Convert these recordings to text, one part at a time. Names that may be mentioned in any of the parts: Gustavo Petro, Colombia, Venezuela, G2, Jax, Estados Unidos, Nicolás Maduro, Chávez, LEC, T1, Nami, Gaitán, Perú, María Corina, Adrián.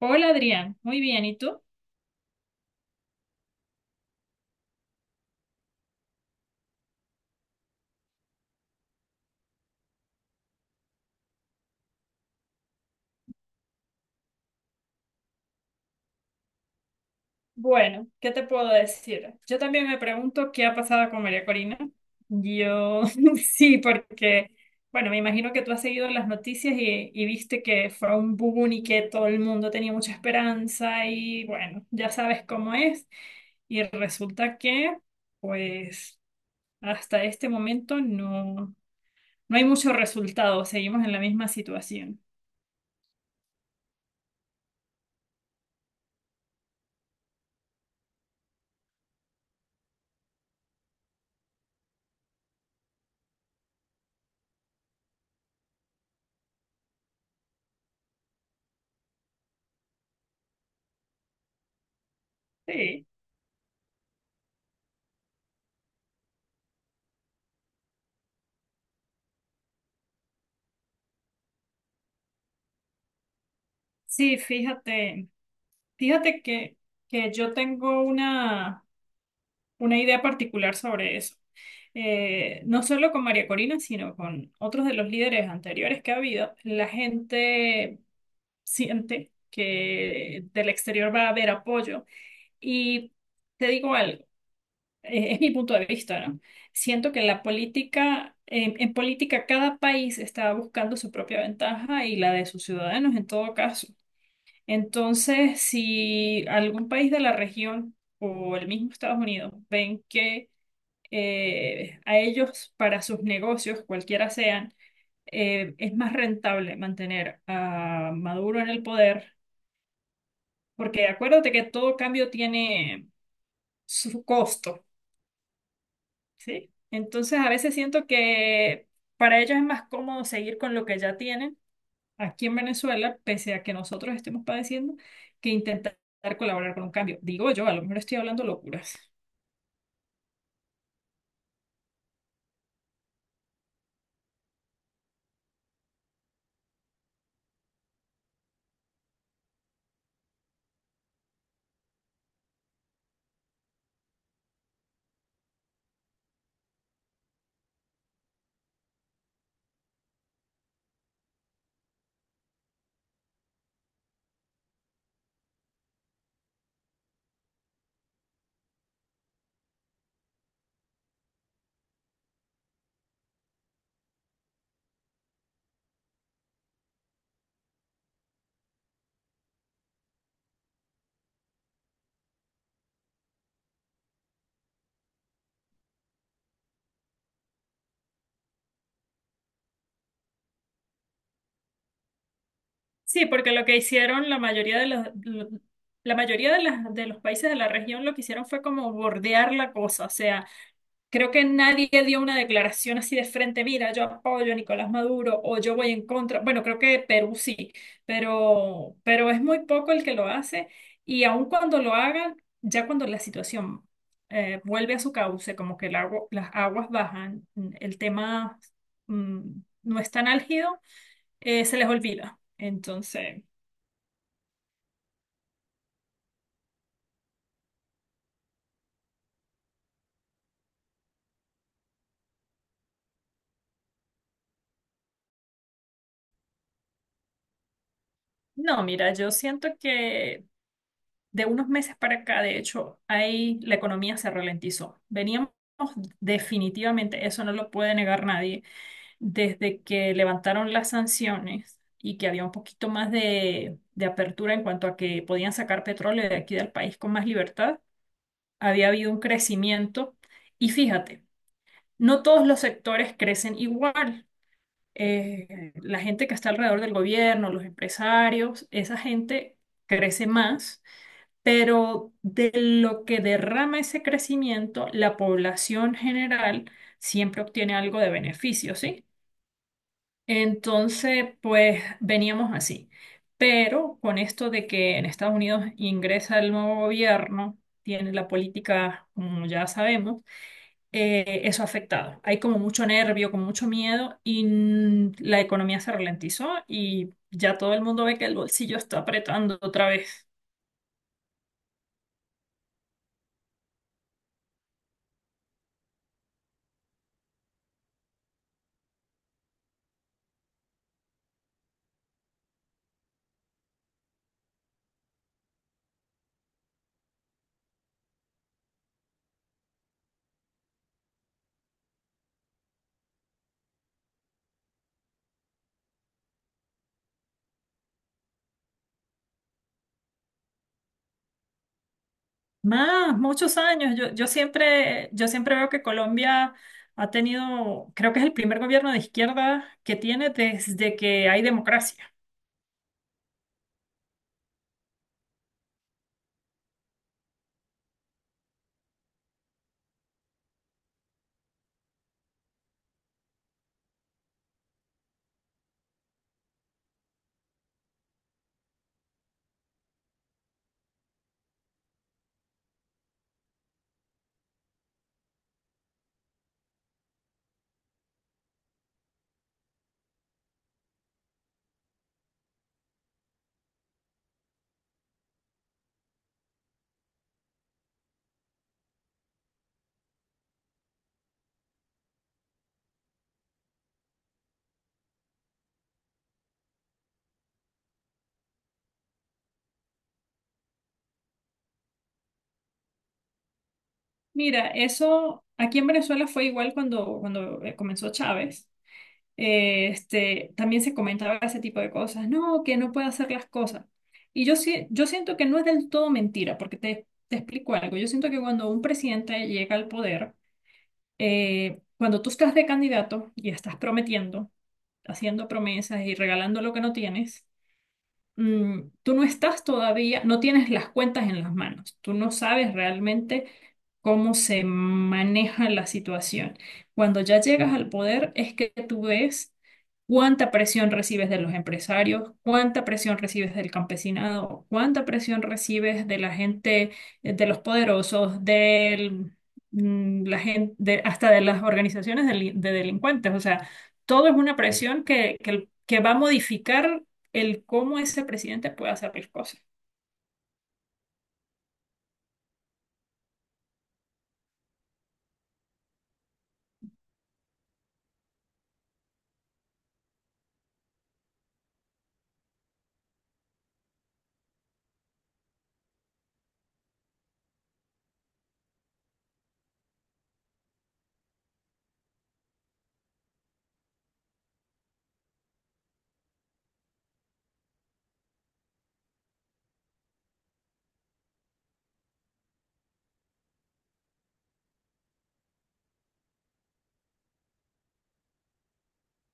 Hola Adrián, muy bien, ¿y tú? Bueno, ¿qué te puedo decir? Yo también me pregunto qué ha pasado con María Corina. Yo sí, porque, bueno, me imagino que tú has seguido las noticias y viste que fue un boom y que todo el mundo tenía mucha esperanza y bueno, ya sabes cómo es. Y resulta que, pues, hasta este momento no hay mucho resultado, seguimos en la misma situación. Sí. Sí, fíjate. Fíjate que yo tengo una idea particular sobre eso. No solo con María Corina, sino con otros de los líderes anteriores que ha habido, la gente siente que del exterior va a haber apoyo. Y te digo algo, es mi punto de vista, ¿no? Siento que en política cada país está buscando su propia ventaja y la de sus ciudadanos en todo caso. Entonces, si algún país de la región o el mismo Estados Unidos ven que a ellos, para sus negocios, cualquiera sean, es más rentable mantener a Maduro en el poder, porque acuérdate que todo cambio tiene su costo, ¿sí? Entonces, a veces siento que para ellos es más cómodo seguir con lo que ya tienen aquí en Venezuela, pese a que nosotros estemos padeciendo, que intentar colaborar con un cambio. Digo yo, a lo mejor estoy hablando locuras. Sí, porque lo que hicieron la mayoría de los países de la región lo que hicieron fue como bordear la cosa, o sea, creo que nadie dio una declaración así de frente, mira, yo apoyo a Nicolás Maduro o yo voy en contra. Bueno, creo que Perú sí, pero es muy poco el que lo hace y aun cuando lo hagan, ya cuando la situación vuelve a su cauce, como que las aguas bajan, el tema mm, no es tan álgido, se les olvida. Entonces, no, mira, yo siento que de unos meses para acá, de hecho, ahí la economía se ralentizó. Veníamos definitivamente, eso no lo puede negar nadie, desde que levantaron las sanciones y que había un poquito más de apertura en cuanto a que podían sacar petróleo de aquí del país con más libertad, había habido un crecimiento. Y fíjate, no todos los sectores crecen igual. La gente que está alrededor del gobierno, los empresarios, esa gente crece más, pero de lo que derrama ese crecimiento, la población general siempre obtiene algo de beneficio, ¿sí? Entonces, pues veníamos así. Pero con esto de que en Estados Unidos ingresa el nuevo gobierno, tiene la política, como ya sabemos, eso ha afectado. Hay como mucho nervio, como mucho miedo y la economía se ralentizó y ya todo el mundo ve que el bolsillo está apretando otra vez. Más, muchos años. Yo siempre veo que Colombia ha tenido, creo que es el primer gobierno de izquierda que tiene desde que hay democracia. Mira, eso aquí en Venezuela fue igual cuando comenzó Chávez. También se comentaba ese tipo de cosas, no, que no puede hacer las cosas. Y yo, sí- yo siento que no es del todo mentira, porque te explico algo. Yo siento que cuando un presidente llega al poder, cuando tú estás de candidato y estás prometiendo, haciendo promesas y regalando lo que no tienes, tú no estás todavía, no tienes las cuentas en las manos, tú no sabes realmente cómo se maneja la situación. Cuando ya llegas al poder es que tú ves cuánta presión recibes de los empresarios, cuánta presión recibes del campesinado, cuánta presión recibes de la gente, de los poderosos, la gente, hasta de las organizaciones de, de delincuentes. O sea, todo es una presión que va a modificar el cómo ese presidente puede hacer las cosas.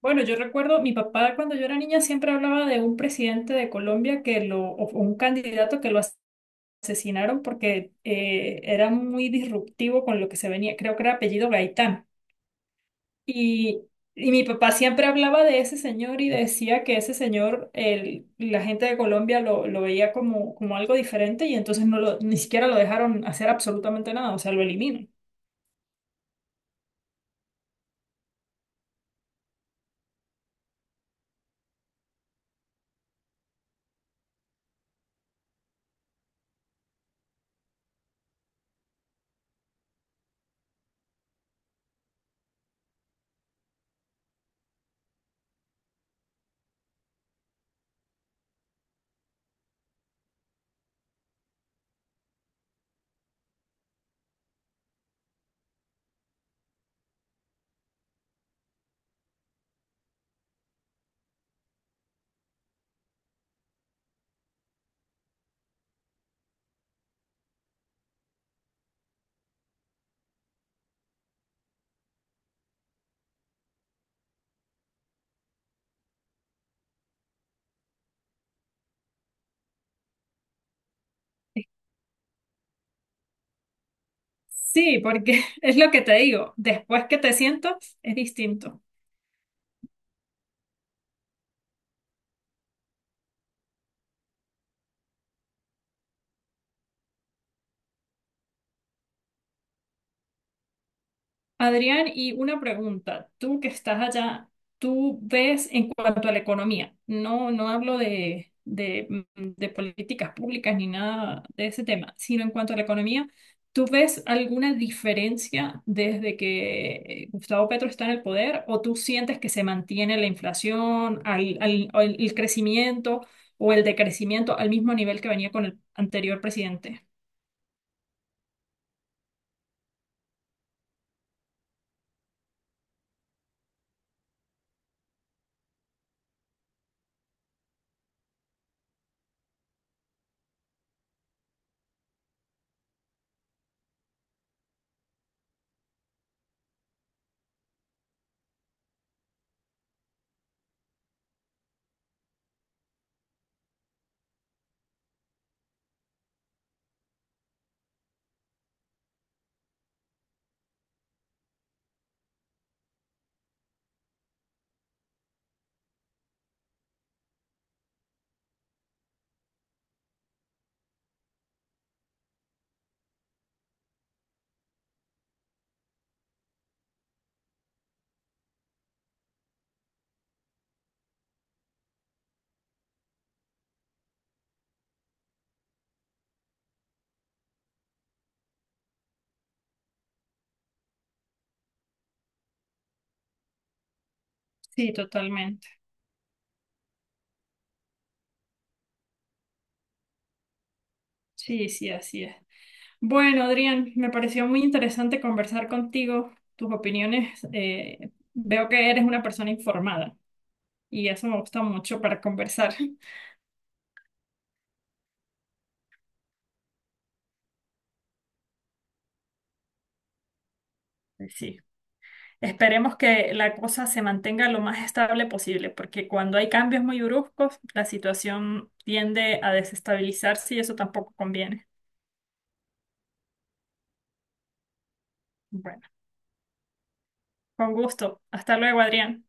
Bueno, yo recuerdo, mi papá cuando yo era niña siempre hablaba de un presidente de Colombia que lo, o un candidato que lo asesinaron porque era muy disruptivo con lo que se venía, creo que era apellido Gaitán. Y, y mi papá siempre hablaba de ese señor y decía que ese señor, el, la gente de Colombia lo veía como, como algo diferente y entonces no lo, ni siquiera lo dejaron hacer absolutamente nada, o sea, lo eliminó. Sí, porque es lo que te digo, después que te siento es distinto. Adrián, y una pregunta. Tú que estás allá, ¿tú ves en cuanto a la economía? No, no hablo de políticas públicas ni nada de ese tema, sino en cuanto a la economía, ¿tú ves alguna diferencia desde que Gustavo Petro está en el poder o tú sientes que se mantiene la inflación, el crecimiento o el decrecimiento al mismo nivel que venía con el anterior presidente? Sí, totalmente. Sí, sí, así es. Bueno, Adrián, me pareció muy interesante conversar contigo. Tus opiniones, veo que eres una persona informada y eso me gusta mucho para conversar. Pues sí. Esperemos que la cosa se mantenga lo más estable posible, porque cuando hay cambios muy bruscos, la situación tiende a desestabilizarse y eso tampoco conviene. Bueno, con gusto. Hasta luego, Adrián.